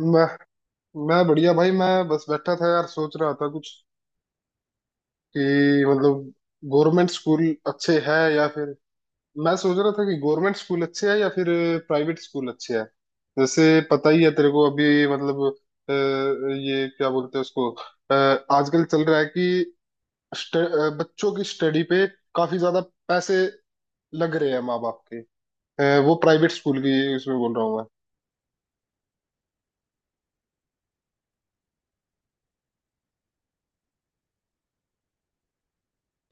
मैं मैं बढ़िया भाई। मैं बस बैठा था यार, सोच रहा था कुछ कि मतलब गवर्नमेंट स्कूल अच्छे हैं या फिर, मैं सोच रहा था कि गवर्नमेंट स्कूल अच्छे हैं या फिर प्राइवेट स्कूल अच्छे हैं। जैसे पता ही है तेरे को अभी, मतलब अ, ये क्या बोलते हैं उसको, आजकल चल रहा है कि बच्चों की स्टडी पे काफी ज्यादा पैसे लग रहे हैं माँ बाप के। वो प्राइवेट स्कूल की उसमें बोल रहा हूँ मैं।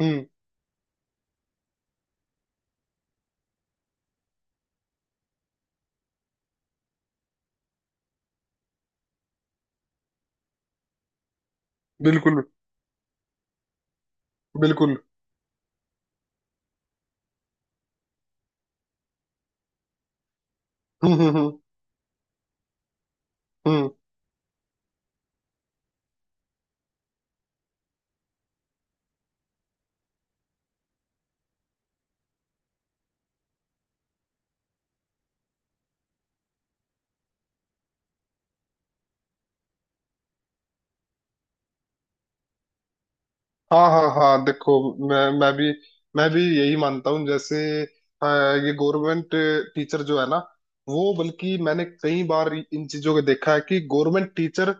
हम्म। बिल्कुल बिल्कुल। हम्म। हम्म। हाँ हाँ हाँ, देखो, मैं मैं भी मैं भी यही मानता हूँ। जैसे अ, ये गवर्नमेंट टीचर जो है ना, वो बल्कि मैंने कई बार इन चीजों को देखा है कि गवर्नमेंट टीचर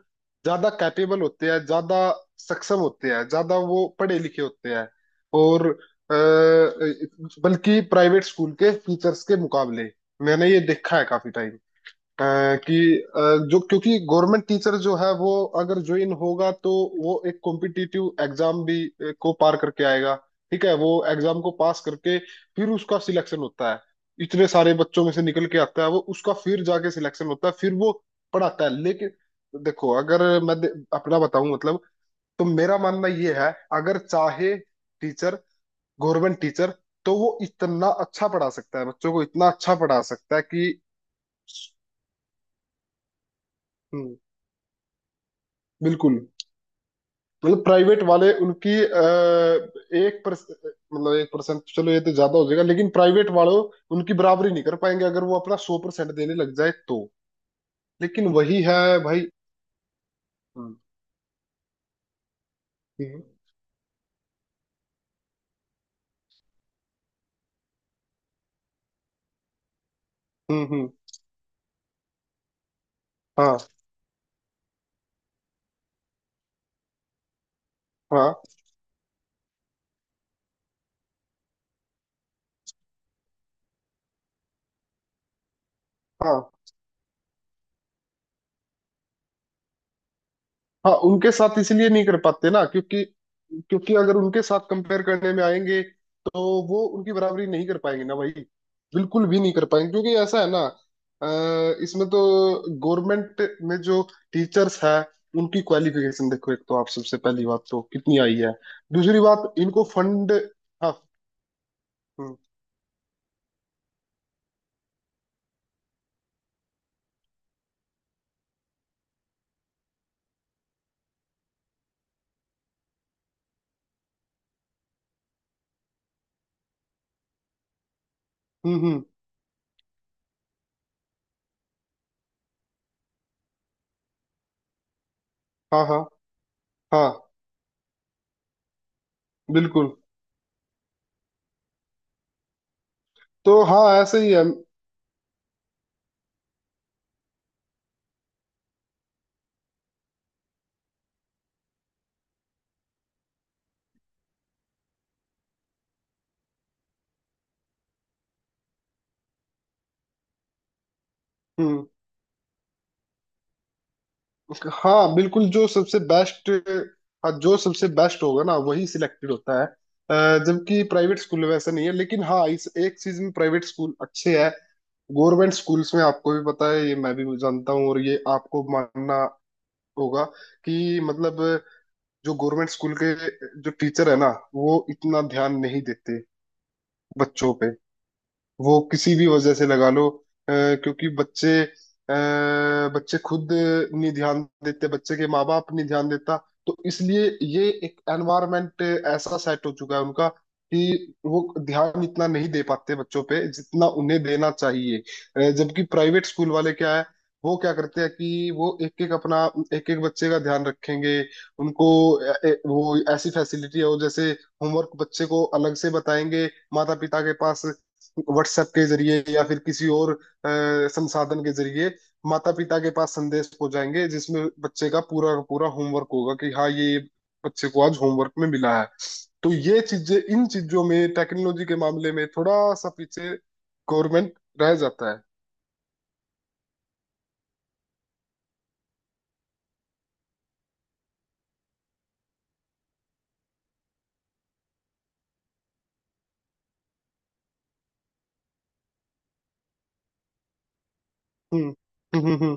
ज्यादा कैपेबल होते हैं, ज्यादा सक्षम होते हैं, ज्यादा वो पढ़े लिखे होते हैं। और बल्कि प्राइवेट स्कूल के टीचर्स के मुकाबले मैंने ये देखा है काफी टाइम अ, कि अ, जो, क्योंकि गवर्नमेंट टीचर जो है वो अगर ज्वाइन होगा तो वो एक कॉम्पिटिटिव एग्जाम भी को पार करके आएगा। ठीक है, वो एग्जाम को पास करके फिर उसका सिलेक्शन होता है। इतने सारे बच्चों में से निकल के आता है वो, उसका फिर जाके सिलेक्शन होता है, फिर वो पढ़ाता है। लेकिन देखो, अगर मैं अपना बताऊं मतलब, तो मेरा मानना ये है, अगर चाहे टीचर, गवर्नमेंट टीचर, तो वो इतना अच्छा पढ़ा सकता है बच्चों को, इतना अच्छा पढ़ा सकता है कि। हम्म। बिल्कुल, मतलब प्राइवेट वाले उनकी एक पर मतलब 1%, चलो ये तो ज्यादा हो जाएगा, लेकिन प्राइवेट वालों उनकी बराबरी नहीं कर पाएंगे अगर वो अपना 100% देने लग जाए तो। लेकिन वही है भाई। हम्म हम्म हम्म। हम्म। हाँ हाँ हाँ। हाँ उनके साथ इसलिए नहीं कर पाते ना, क्योंकि क्योंकि अगर उनके साथ कंपेयर करने में आएंगे तो वो उनकी बराबरी नहीं कर पाएंगे ना भाई, बिल्कुल भी नहीं कर पाएंगे। क्योंकि ऐसा है ना, इसमें तो गवर्नमेंट में जो टीचर्स है उनकी क्वालिफिकेशन देखो, एक तो आप सबसे पहली बात तो कितनी आई है, दूसरी बात इनको फंड। हाँ। हम्म हम्म। हाँ हाँ हाँ। बिल्कुल। तो हाँ ऐसे ही है। हम्म। हाँ बिल्कुल, जो सबसे बेस्ट। हाँ जो सबसे बेस्ट होगा ना वही सिलेक्टेड होता है, जबकि प्राइवेट स्कूल में वैसा नहीं है। लेकिन हाँ, इस एक चीज में प्राइवेट स्कूल अच्छे है। गवर्नमेंट स्कूल्स में आपको भी पता है, ये मैं भी जानता हूँ और ये आपको मानना होगा कि मतलब, जो गवर्नमेंट स्कूल के जो टीचर है ना, वो इतना ध्यान नहीं देते बच्चों पे, वो किसी भी वजह से लगा लो। अ, क्योंकि बच्चे खुद नहीं ध्यान देते, बच्चे के माँ बाप नहीं ध्यान देता, तो इसलिए ये एक एनवायरनमेंट ऐसा सेट हो चुका है उनका कि वो ध्यान इतना नहीं दे पाते बच्चों पे जितना उन्हें देना चाहिए। जबकि प्राइवेट स्कूल वाले क्या है, वो क्या करते हैं कि वो एक एक अपना एक एक बच्चे का ध्यान रखेंगे। उनको वो ऐसी फैसिलिटी है, वो जैसे होमवर्क बच्चे को अलग से बताएंगे माता पिता के पास, व्हाट्सएप के जरिए या फिर किसी और संसाधन के जरिए माता पिता के पास संदेश पहुंचाएंगे जिसमें बच्चे का पूरा होमवर्क होगा कि हाँ ये बच्चे को आज होमवर्क में मिला है। तो ये चीजें, इन चीजों में टेक्नोलॉजी के मामले में थोड़ा सा पीछे गवर्नमेंट रह जाता है। हम्म हम्म।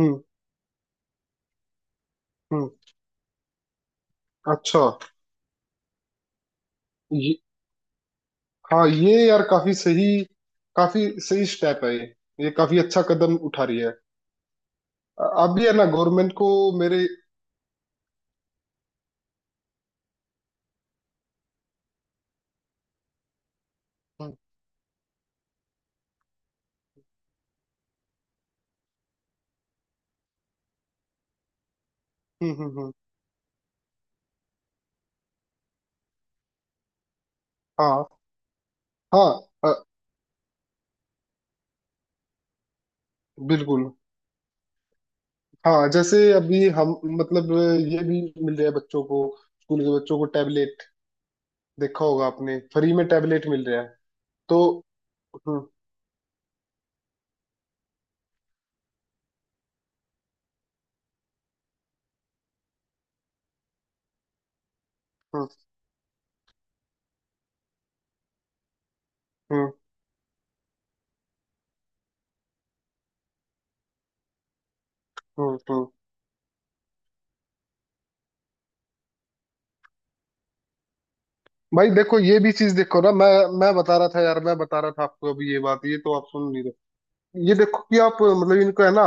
हम्म। हम्म। अच्छा ये, हाँ ये यार काफी सही, काफी सही स्टेप है ये। ये काफी अच्छा कदम उठा रही है। अब भी है ना गवर्नमेंट को मेरे। हम्म हम्म। हम्म। हाँ हाँ। अ, बिल्कुल। हाँ जैसे अभी हम मतलब ये भी मिल रहा है बच्चों को, स्कूल के बच्चों को टैबलेट देखा होगा आपने, फ्री में टैबलेट मिल रहा है तो। हम्म हम्म हम्म हम्म हम्म। भाई देखो, ये भी चीज देखो ना, मैं बता रहा था यार, मैं बता रहा था आपको अभी ये बात, ये तो आप सुन नहीं रहे। ये देखो कि आप मतलब इनको है ना,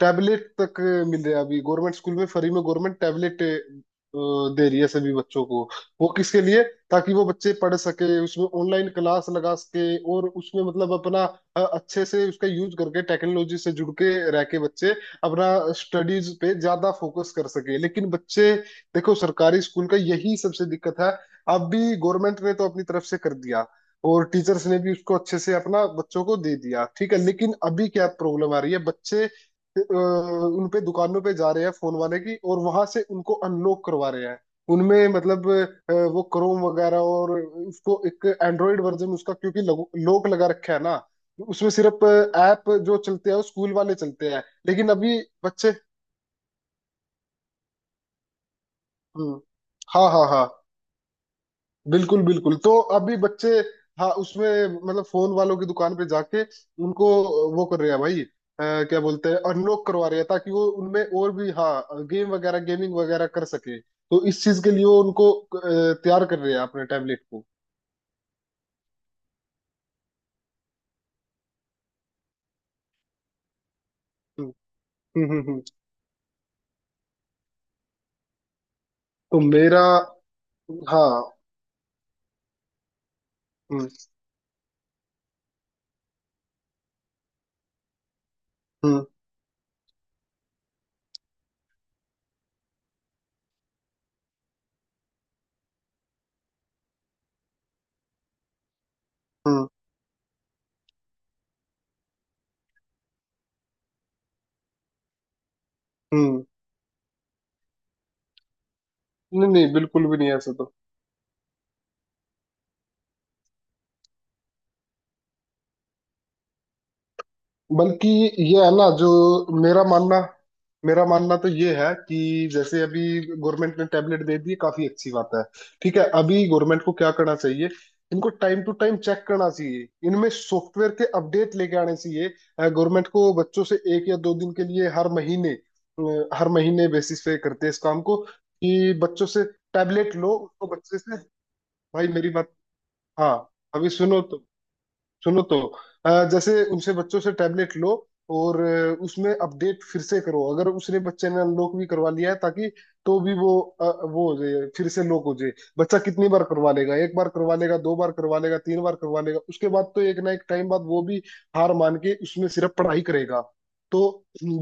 टैबलेट तक मिल रहे हैं अभी गवर्नमेंट स्कूल में फ्री में। गवर्नमेंट टैबलेट दे रही है सभी बच्चों को। वो किसके लिए? ताकि वो बच्चे पढ़ सके, उसमें ऑनलाइन क्लास लगा सके, और उसमें मतलब अपना अच्छे से उसका यूज करके टेक्नोलॉजी से जुड़ के रह के बच्चे अपना स्टडीज पे ज्यादा फोकस कर सके। लेकिन बच्चे, देखो सरकारी स्कूल का यही सबसे दिक्कत है, अब भी गवर्नमेंट ने तो अपनी तरफ से कर दिया और टीचर्स ने भी उसको अच्छे से अपना बच्चों को दे दिया, ठीक है, लेकिन अभी क्या प्रॉब्लम आ रही है। बच्चे उन पे दुकानों पे जा रहे हैं फोन वाले की, और वहां से उनको अनलॉक करवा रहे हैं। उनमें मतलब वो क्रोम वगैरह और उसको एक एंड्रॉइड वर्जन उसका, क्योंकि लॉक लगा रखा है ना, तो उसमें सिर्फ ऐप जो चलते हैं वो स्कूल वाले चलते हैं, लेकिन अभी बच्चे। हम्म। हाँ हाँ हाँ, बिल्कुल बिल्कुल। तो अभी बच्चे हाँ उसमें मतलब फोन वालों की दुकान पे जाके उनको वो कर रहे हैं भाई, क्या बोलते हैं, अनलॉक करवा रहे हैं ताकि वो उनमें और भी हाँ गेम वगैरह, गेमिंग वगैरह कर सके, तो इस चीज के लिए वो उनको तैयार कर रहे हैं अपने टैबलेट को। हम्म हम्म। हम्म। तो मेरा। हाँ। हम्म हम्म हम्म। हम्म। नहीं नहीं बिल्कुल भी नहीं ऐसा तो। बल्कि ये है ना, जो मेरा मानना, मेरा मानना तो ये है कि जैसे अभी गवर्नमेंट ने टैबलेट दे दी, काफी अच्छी बात है, ठीक है। अभी गवर्नमेंट को क्या करना चाहिए, इनको टाइम टू टाइम चेक करना चाहिए, इनमें सॉफ्टवेयर के अपडेट लेके आने चाहिए। गवर्नमेंट को बच्चों से एक या दो दिन के लिए हर महीने हर महीने बेसिस पे करते हैं इस काम को कि बच्चों से टैबलेट लो, तो बच्चे से भाई, मेरी बात हाँ अभी सुनो तो, सुनो तो, जैसे उनसे बच्चों से टैबलेट लो और उसमें अपडेट फिर से करो, अगर उसने बच्चे ने अनलॉक भी करवा लिया है ताकि तो भी वो वो हो जाए, फिर से लॉक हो जाए। बच्चा कितनी बार करवा लेगा? एक बार करवा लेगा, दो बार करवा लेगा, तीन बार करवा लेगा, उसके बाद तो एक ना एक टाइम बाद वो भी हार मान के उसमें सिर्फ पढ़ाई करेगा। तो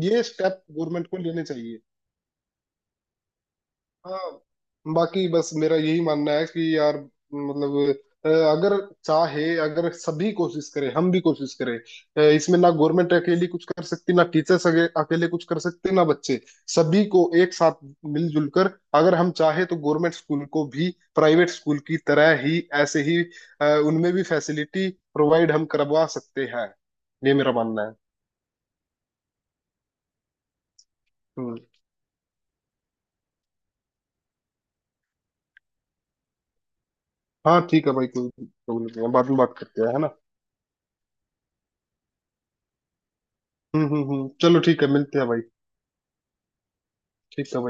ये स्टेप गवर्नमेंट को लेने चाहिए। हाँ। बाकी बस मेरा यही मानना है कि यार मतलब अगर चाहे, अगर सभी कोशिश करें, हम भी कोशिश करें, इसमें ना गवर्नमेंट अकेली कुछ कर सकती, ना टीचर्स अकेले कुछ कर सकते, ना बच्चे। सभी को एक साथ मिलजुल कर अगर हम चाहे तो गवर्नमेंट स्कूल को भी प्राइवेट स्कूल की तरह ही ऐसे ही उनमें भी फैसिलिटी प्रोवाइड हम करवा सकते हैं। ये मेरा मानना है। हम्म। हाँ ठीक है भाई, कोई प्रॉब्लम नहीं है, बाद में बात करते हैं है ना। चलो ठीक है, मिलते हैं भाई। ठीक है भाई।